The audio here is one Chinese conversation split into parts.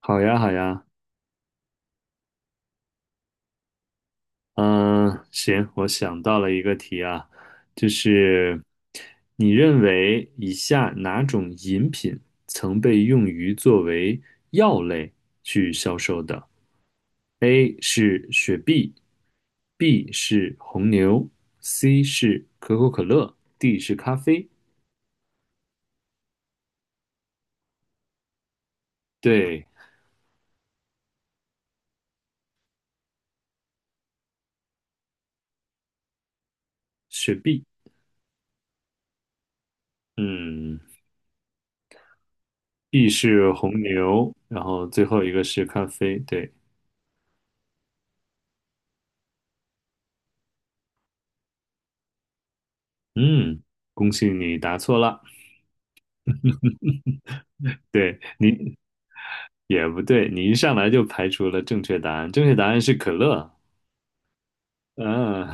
好呀，好呀，嗯，行，我想到了一个题啊，就是你认为以下哪种饮品曾被用于作为药类去销售的？A 是雪碧，B 是红牛，C 是可口可乐，D 是咖啡。对，雪碧，嗯，B 是红牛，然后最后一个是咖啡，对，嗯，恭喜你答错了。对你也不对，你一上来就排除了正确答案，正确答案是可乐。嗯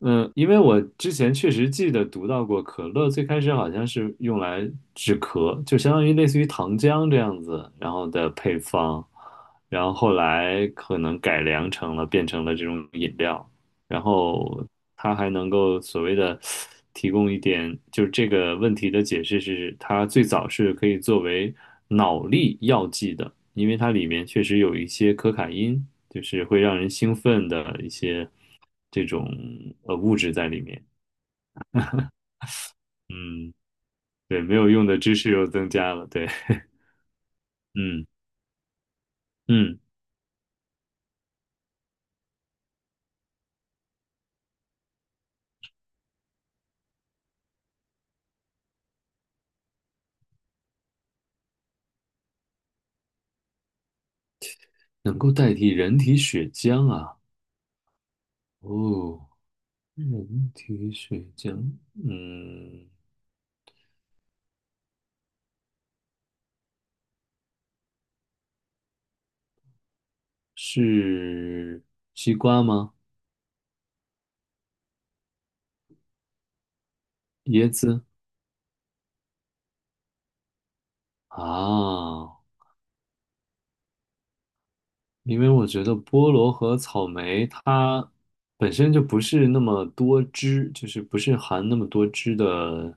嗯，因为我之前确实记得读到过，可乐最开始好像是用来止咳，就相当于类似于糖浆这样子，然后的配方，然后后来可能改良成了变成了这种饮料。然后它还能够所谓的提供一点，就是这个问题的解释是，它最早是可以作为脑力药剂的，因为它里面确实有一些可卡因，就是会让人兴奋的一些这种物质在里面。嗯，对，没有用的知识又增加了，对，嗯嗯，能够代替人体血浆啊，哦，人体血浆，嗯。是西瓜吗？椰子啊，因为我觉得菠萝和草莓它本身就不是那么多汁，就是不是含那么多汁的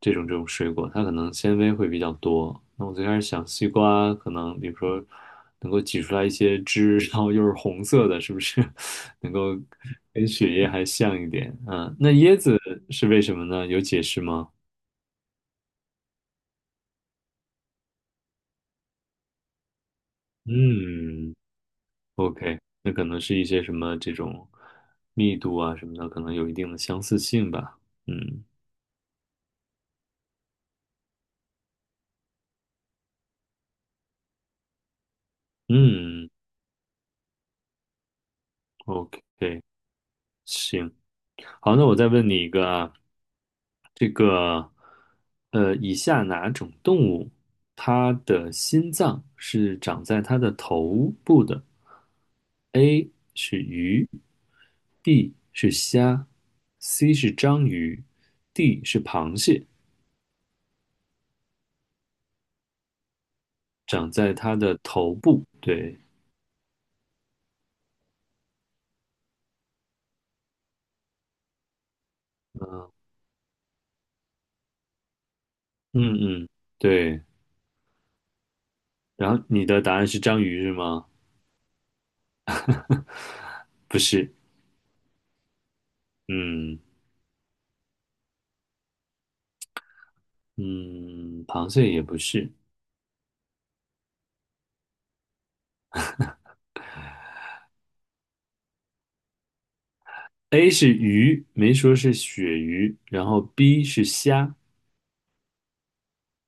这种水果，它可能纤维会比较多。那我最开始想西瓜可能，比如说能够挤出来一些汁，然后又是红色的，是不是 能够跟血液还像一点？嗯，那椰子是为什么呢？有解释吗？嗯，OK,那可能是一些什么这种密度啊什么的，可能有一定的相似性吧。嗯嗯，OK,行，好，那我再问你一个啊，这个以下哪种动物它的心脏是长在它的头部的？A 是鱼，B 是虾，C 是章鱼，D 是螃蟹，长在它的头部。对。嗯嗯，对。然后你的答案是章鱼是吗？不是，嗯嗯，螃蟹也不是。A 是鱼，没说是鳕鱼，然后 B 是虾，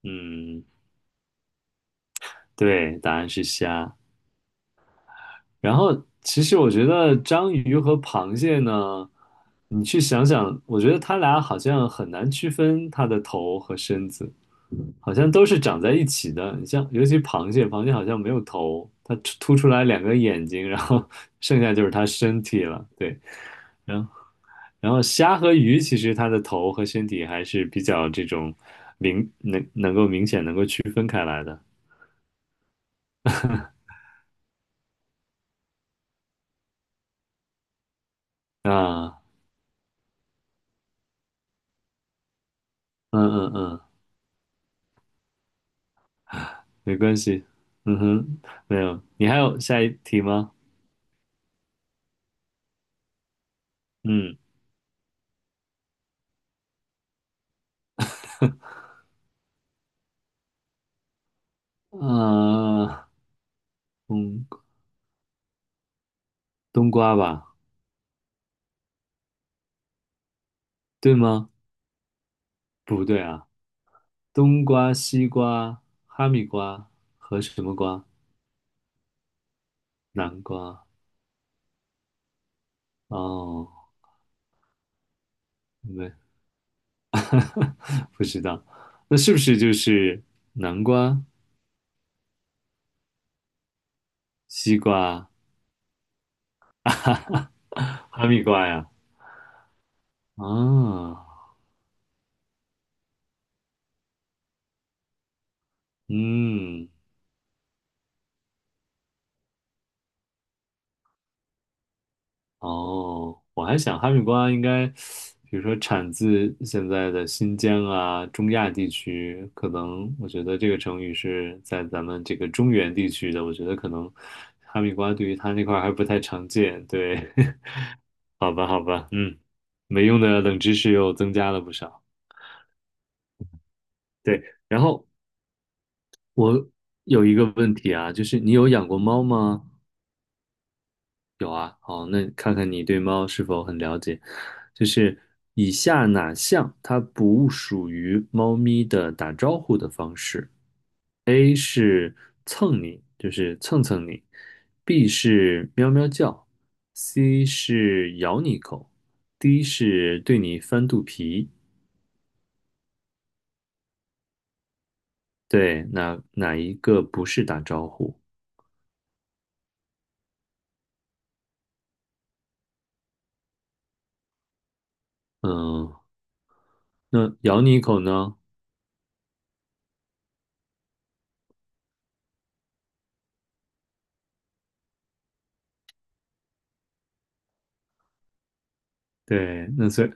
嗯，对，答案是虾。然后，其实我觉得章鱼和螃蟹呢，你去想想，我觉得它俩好像很难区分它的头和身子，好像都是长在一起的。你像，尤其螃蟹，螃蟹好像没有头，它突出来两个眼睛，然后 剩下就是它身体了。对，然后然后虾和鱼，其实它的头和身体还是比较这种明显能够区分开来的。啊，嗯嗯嗯。没关系。嗯哼，没有。你还有下一题吗？嗯，啊，嗯，冬瓜吧，对吗？不对啊，冬瓜、西瓜、哈密瓜和什么瓜？南瓜。哦，没，不知道。那是不是就是南瓜、西瓜、哈密瓜呀？啊，嗯。哦，我还想哈密瓜应该，比如说产自现在的新疆啊、中亚地区，可能我觉得这个成语是在咱们这个中原地区的，我觉得可能哈密瓜对于它那块儿还不太常见。对，好吧，好吧，嗯，没用的冷知识又增加了不少。对，然后我有一个问题啊，就是你有养过猫吗？有啊，好，那看看你对猫是否很了解。就是以下哪项它不属于猫咪的打招呼的方式？A 是蹭你，就是蹭蹭你；B 是喵喵叫；C 是咬你一口；D 是对你翻肚皮。对，哪一个不是打招呼？嗯，那咬你一口呢？对，那所以，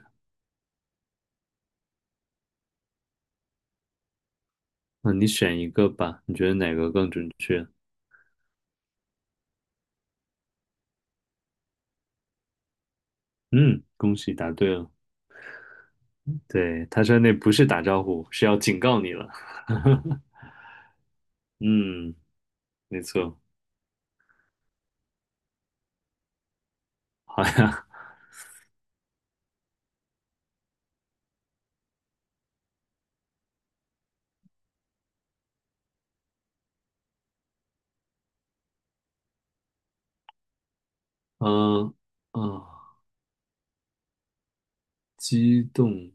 那你选一个吧，你觉得哪个更准确？嗯，恭喜答对了。对，他说那不是打招呼，是要警告你了。嗯，没错。好呀，嗯、啊，激动，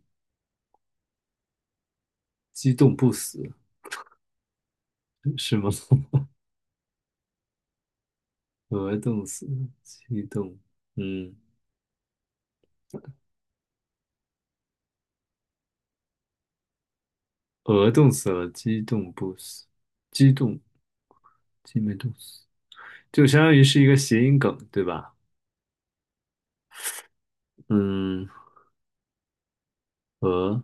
激动不死是吗？鹅冻死了，激动，嗯，鹅冻死了，激动不死，激动，激没冻死，就相当于是一个谐音梗，对吧？嗯，鹅，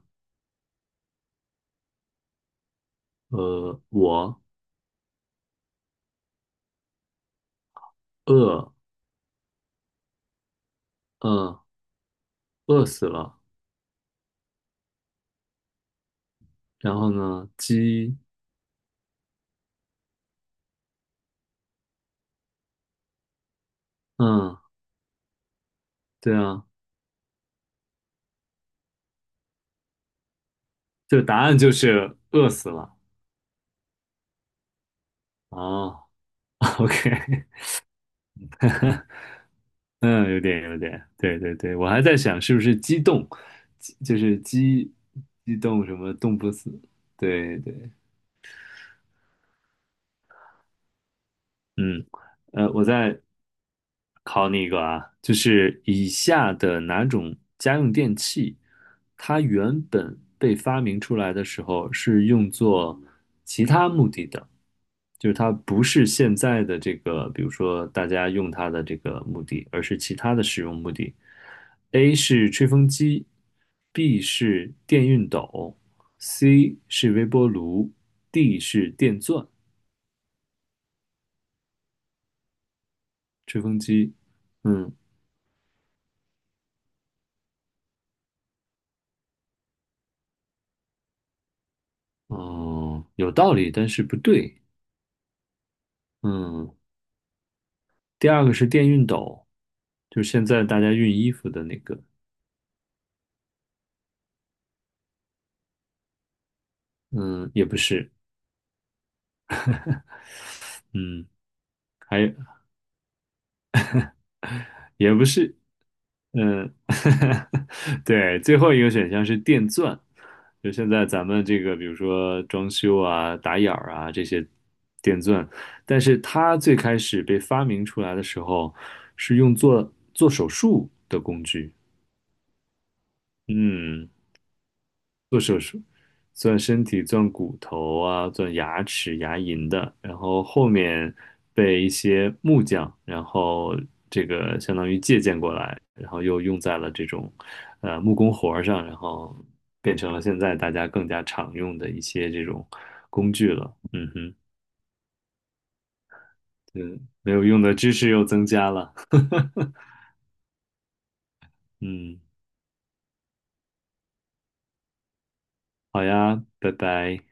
我饿，嗯饿死了，然后呢，鸡，嗯。对啊，就答案就是饿死了。啊。o k 嗯，有点有点，对对对，我还在想是不是激动，激就是激什么动不死，对对。嗯，我再考你一个啊，就是以下的哪种家用电器，它原本被发明出来的时候是用作其他目的的，就是它不是现在的这个，比如说大家用它的这个目的，而是其他的使用目的。A 是吹风机，B 是电熨斗，C 是微波炉，D 是电钻，吹风机。嗯，嗯，有道理，但是不对。嗯，第二个是电熨斗，就是现在大家熨衣服的那个。嗯，也不是。嗯，还也不是。嗯，对，最后一个选项是电钻，就现在咱们这个，比如说装修啊、打眼儿啊这些电钻，但是它最开始被发明出来的时候，是用做手术的工具。嗯，做手术。钻身体、钻骨头啊、钻牙齿、牙龈的，然后后面被一些木匠，然后这个相当于借鉴过来，然后又用在了这种木工活儿上，然后变成了现在大家更加常用的一些这种工具了。嗯哼，嗯，没有用的知识又增加了。嗯，好呀，拜拜。